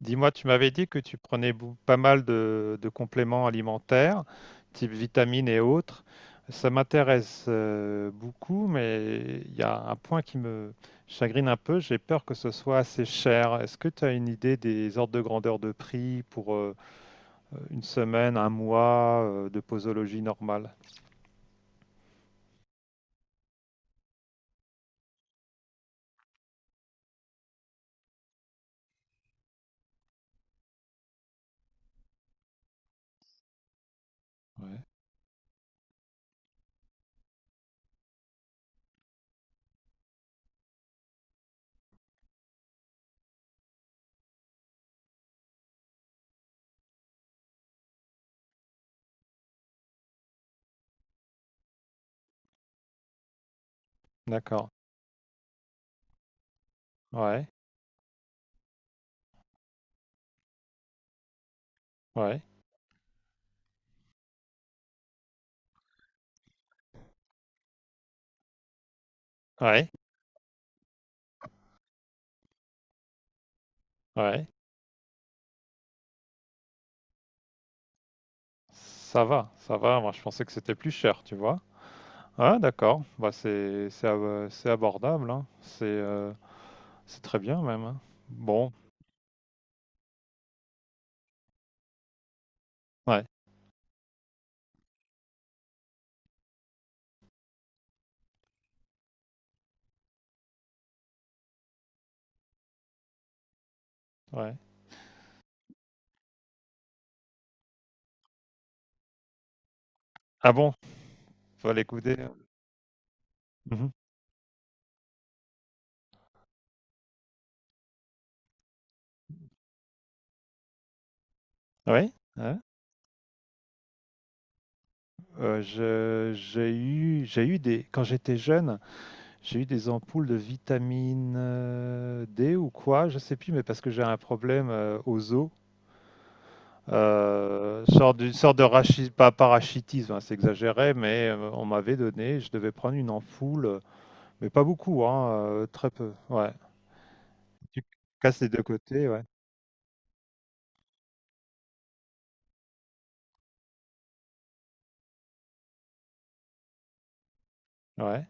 Dis-moi, tu m'avais dit que tu prenais pas mal de compléments alimentaires, type vitamines et autres. Ça m'intéresse beaucoup, mais il y a un point qui me chagrine un peu. J'ai peur que ce soit assez cher. Est-ce que tu as une idée des ordres de grandeur de prix pour une semaine, un mois de posologie normale? Ouais. D'accord. Ouais, ouais, ouais, ouais. Ça va, ça va. Moi, je pensais que c'était plus cher, tu vois. Ah, d'accord. Bah, c'est abordable, hein. C'est très bien même. Hein. Bon, ouais, ouais. Ah bon, faut l'écouter. Mhm. Oui. Ouais. J'ai eu des quand j'étais jeune, j'ai eu des ampoules de vitamine D ou quoi, je sais plus, mais parce que j'ai un problème aux os. Sorte d'une sorte de pas parachitisme, hein, c'est exagéré, mais on m'avait donné, je devais prendre une ampoule, mais pas beaucoup, hein, très peu. Ouais. Tu casses les 2 côtés, ouais. Ouais.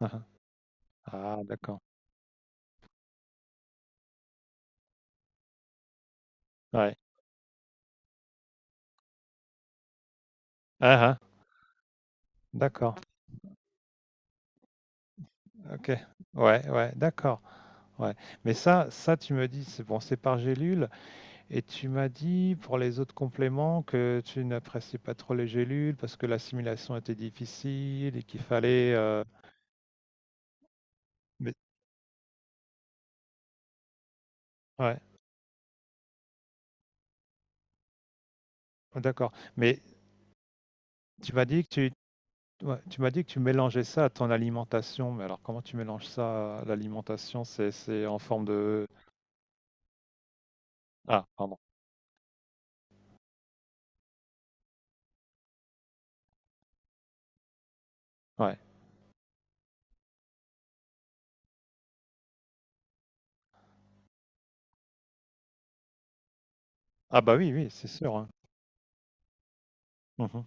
Hein, hein. Ah, d'accord. Ouais. Ah hein. D'accord. OK. Ouais, ouais, d'accord. Ouais. Mais ça tu me dis c'est bon, c'est par gélule et tu m'as dit pour les autres compléments que tu n'appréciais pas trop les gélules parce que l'assimilation était difficile et qu'il fallait, mais ouais, d'accord. Mais tu m'as dit que tu ouais, tu m'as dit que tu mélangeais ça à ton alimentation, mais alors comment tu mélanges ça à l'alimentation? C'est en forme de, ah, pardon. Ouais. Ah bah oui, oui, c'est sûr, hein. Mmh.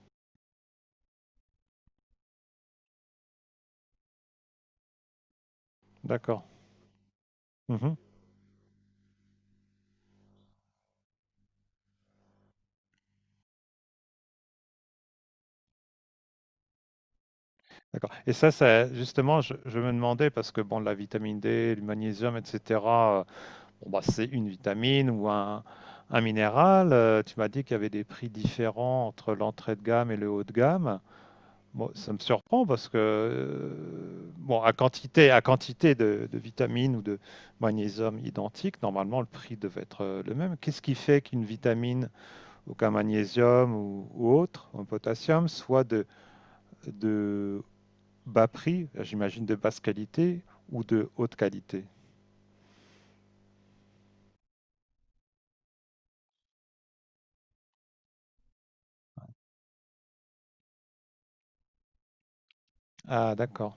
D'accord. Mmh. D'accord, et ça justement, je me demandais parce que bon, la vitamine D, le magnésium et cetera, bon, bah, c'est une vitamine ou un minéral, tu m'as dit qu'il y avait des prix différents entre l'entrée de gamme et le haut de gamme. Bon, ça me surprend parce que, bon, à quantité de vitamines ou de magnésium identiques, normalement, le prix devait être, le même. Qu'est-ce qui fait qu'une vitamine donc un magnésium ou autre, un potassium, soit de bas prix, j'imagine de basse qualité, ou de haute qualité. Ah, d'accord.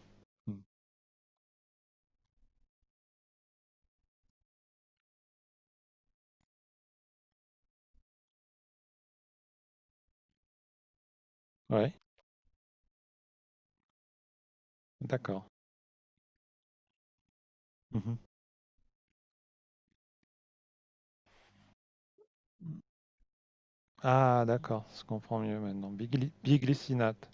Ouais, d'accord. Mhm. Ah, d'accord, je comprends mieux maintenant. Biglycinate,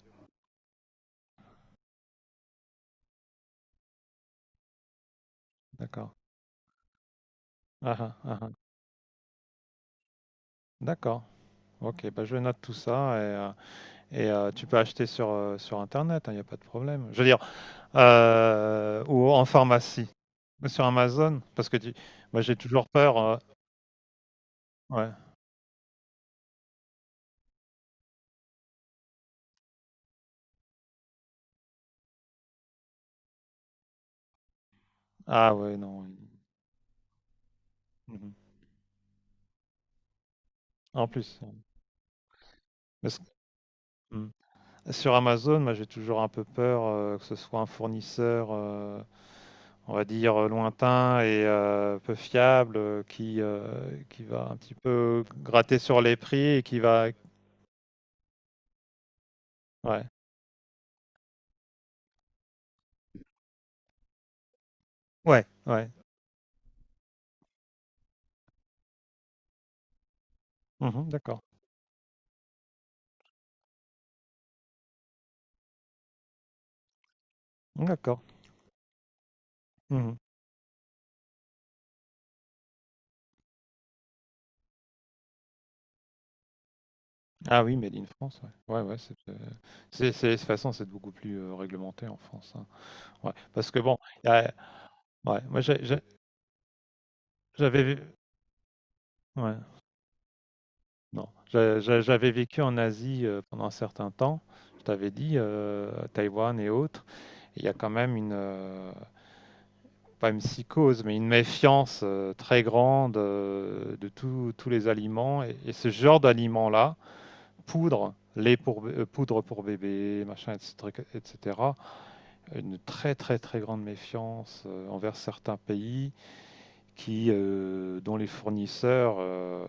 d'accord. Ah, ah, ah, ah. D'accord. OK, bah je note tout ça et, euh, et tu peux acheter sur Internet, il n'y a pas de problème. Je veux dire, ou en pharmacie, ou sur Amazon, parce que moi j'ai toujours peur. Ouais. Ah ouais, non. Mhm. En plus, parce que- mhm. Sur Amazon, moi j'ai toujours un peu peur que ce soit un fournisseur, on va dire, lointain et peu fiable, qui va un petit peu gratter sur les prix et qui va... Ouais, ouais, ouais. Mhm, d'accord, d'accord. Mhm. Ah oui, Made in France, ouais. Ouais, ouais, de toute façon, c'est beaucoup plus réglementé en France. Hein. Ouais, parce que bon, y a- ouais, moi j'avais vu... Ouais. Non, j'avais vécu en Asie pendant un certain temps, je t'avais dit, à Taïwan et autres, et il y a quand même une, pas une psychose, mais une méfiance très grande de tous les aliments, et ce genre d'aliments-là, poudre, lait pour, poudre pour bébé, machin, etc., etc., une très très très grande méfiance envers certains pays, qui, dont les fournisseurs,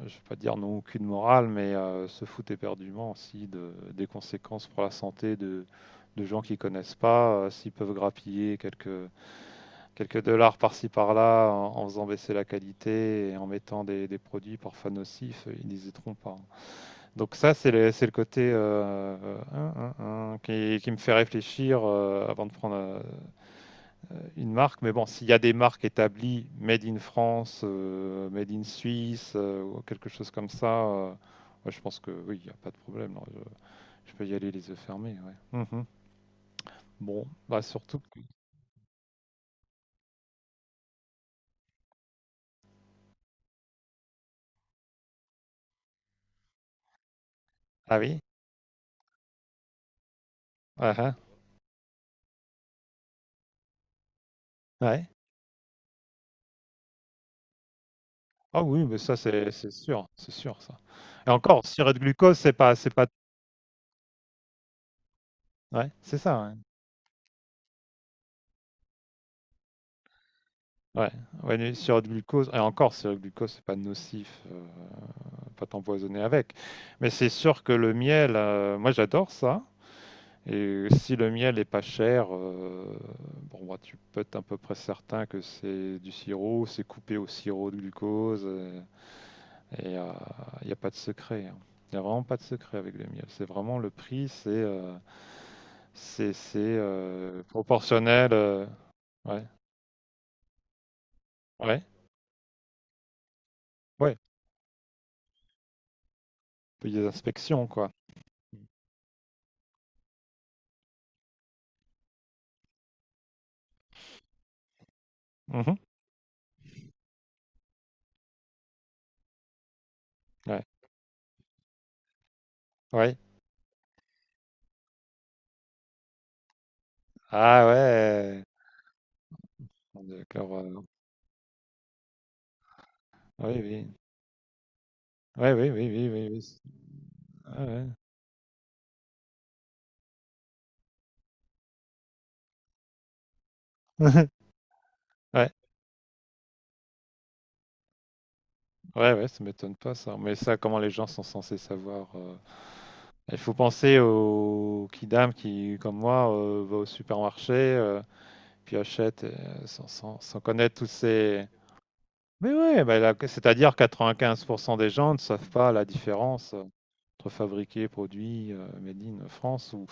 je ne vais pas dire n'ont aucune morale, mais se foutent éperdument aussi de, des conséquences pour la santé de gens qui ne connaissent pas, s'ils peuvent grappiller quelques dollars par-ci par-là en faisant baisser la qualité et en mettant des produits parfois nocifs, ils n'hésiteront pas. Donc ça, c'est le, côté hein, hein, hein, qui me fait réfléchir avant de prendre une marque, mais bon, s'il y a des marques établies, Made in France, Made in Suisse, ou quelque chose comme ça, ouais, je pense que oui, il n'y a pas de problème. Là, je peux y aller les yeux fermés. Ouais. Mhm. Bon, bah surtout que... Ah oui? Ah ah, ouais. Ah oui, mais ça c'est sûr, c'est sûr ça. Et encore, sirop de glucose, c'est pas, c'est pas. Ouais, c'est ça. Ouais. Ouais, ouais, mais sirop de glucose, et encore, sirop de glucose, c'est pas nocif, pas t'empoisonner avec. Mais c'est sûr que le miel, moi j'adore ça. Et si le miel est pas cher, bon, bah, tu peux être à peu près certain que c'est du sirop, c'est coupé au sirop de glucose. Et il n'y a pas de secret. Il n'y a vraiment pas de secret avec le miel. C'est vraiment le prix, c'est proportionnel. Ouais, ouais, ouais. Puis des inspections, quoi. Mhm. Ouais, ouais. Ah ouais. D'accord. Oui, oui. Ouais, oui, oui, oui, oui, oui. Ah ouais. Ouais. Ouais, ouais, ça m'étonne pas ça. Mais ça, comment les gens sont censés savoir. Il faut penser aux kidam qui, comme moi, va au supermarché, puis achète sans connaître tous ces... Mais ouais, bah, c'est-à-dire 95% des gens ne savent pas la différence entre fabriqué, produit, made in France, ou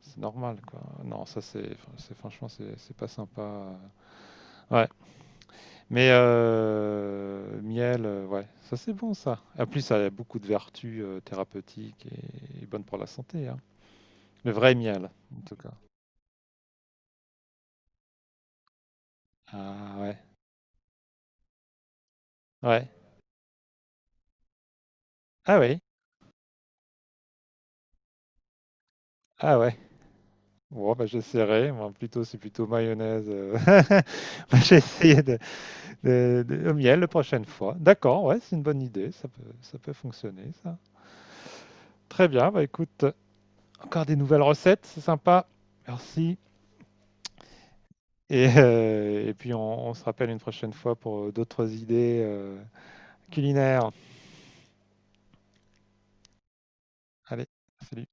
c'est normal, quoi. Non, ça, c'est enfin, franchement, c'est pas sympa. Ouais, mais miel, ouais, ça c'est bon ça. En plus, ça a beaucoup de vertus thérapeutiques et bonnes pour la santé. Hein. Le vrai miel, en tout cas. Ah ouais, ouais. Ah oui, ah ouais. Bon, bah, j'essaierai. Moi, plutôt, c'est plutôt mayonnaise. Moi, j'ai essayé de, au miel la prochaine fois. D'accord, ouais, c'est une bonne idée. ça peut, fonctionner, ça. Très bien. Bah écoute, encore des nouvelles recettes, c'est sympa. Merci. Et puis on se rappelle une prochaine fois pour d'autres idées culinaires. Allez, salut.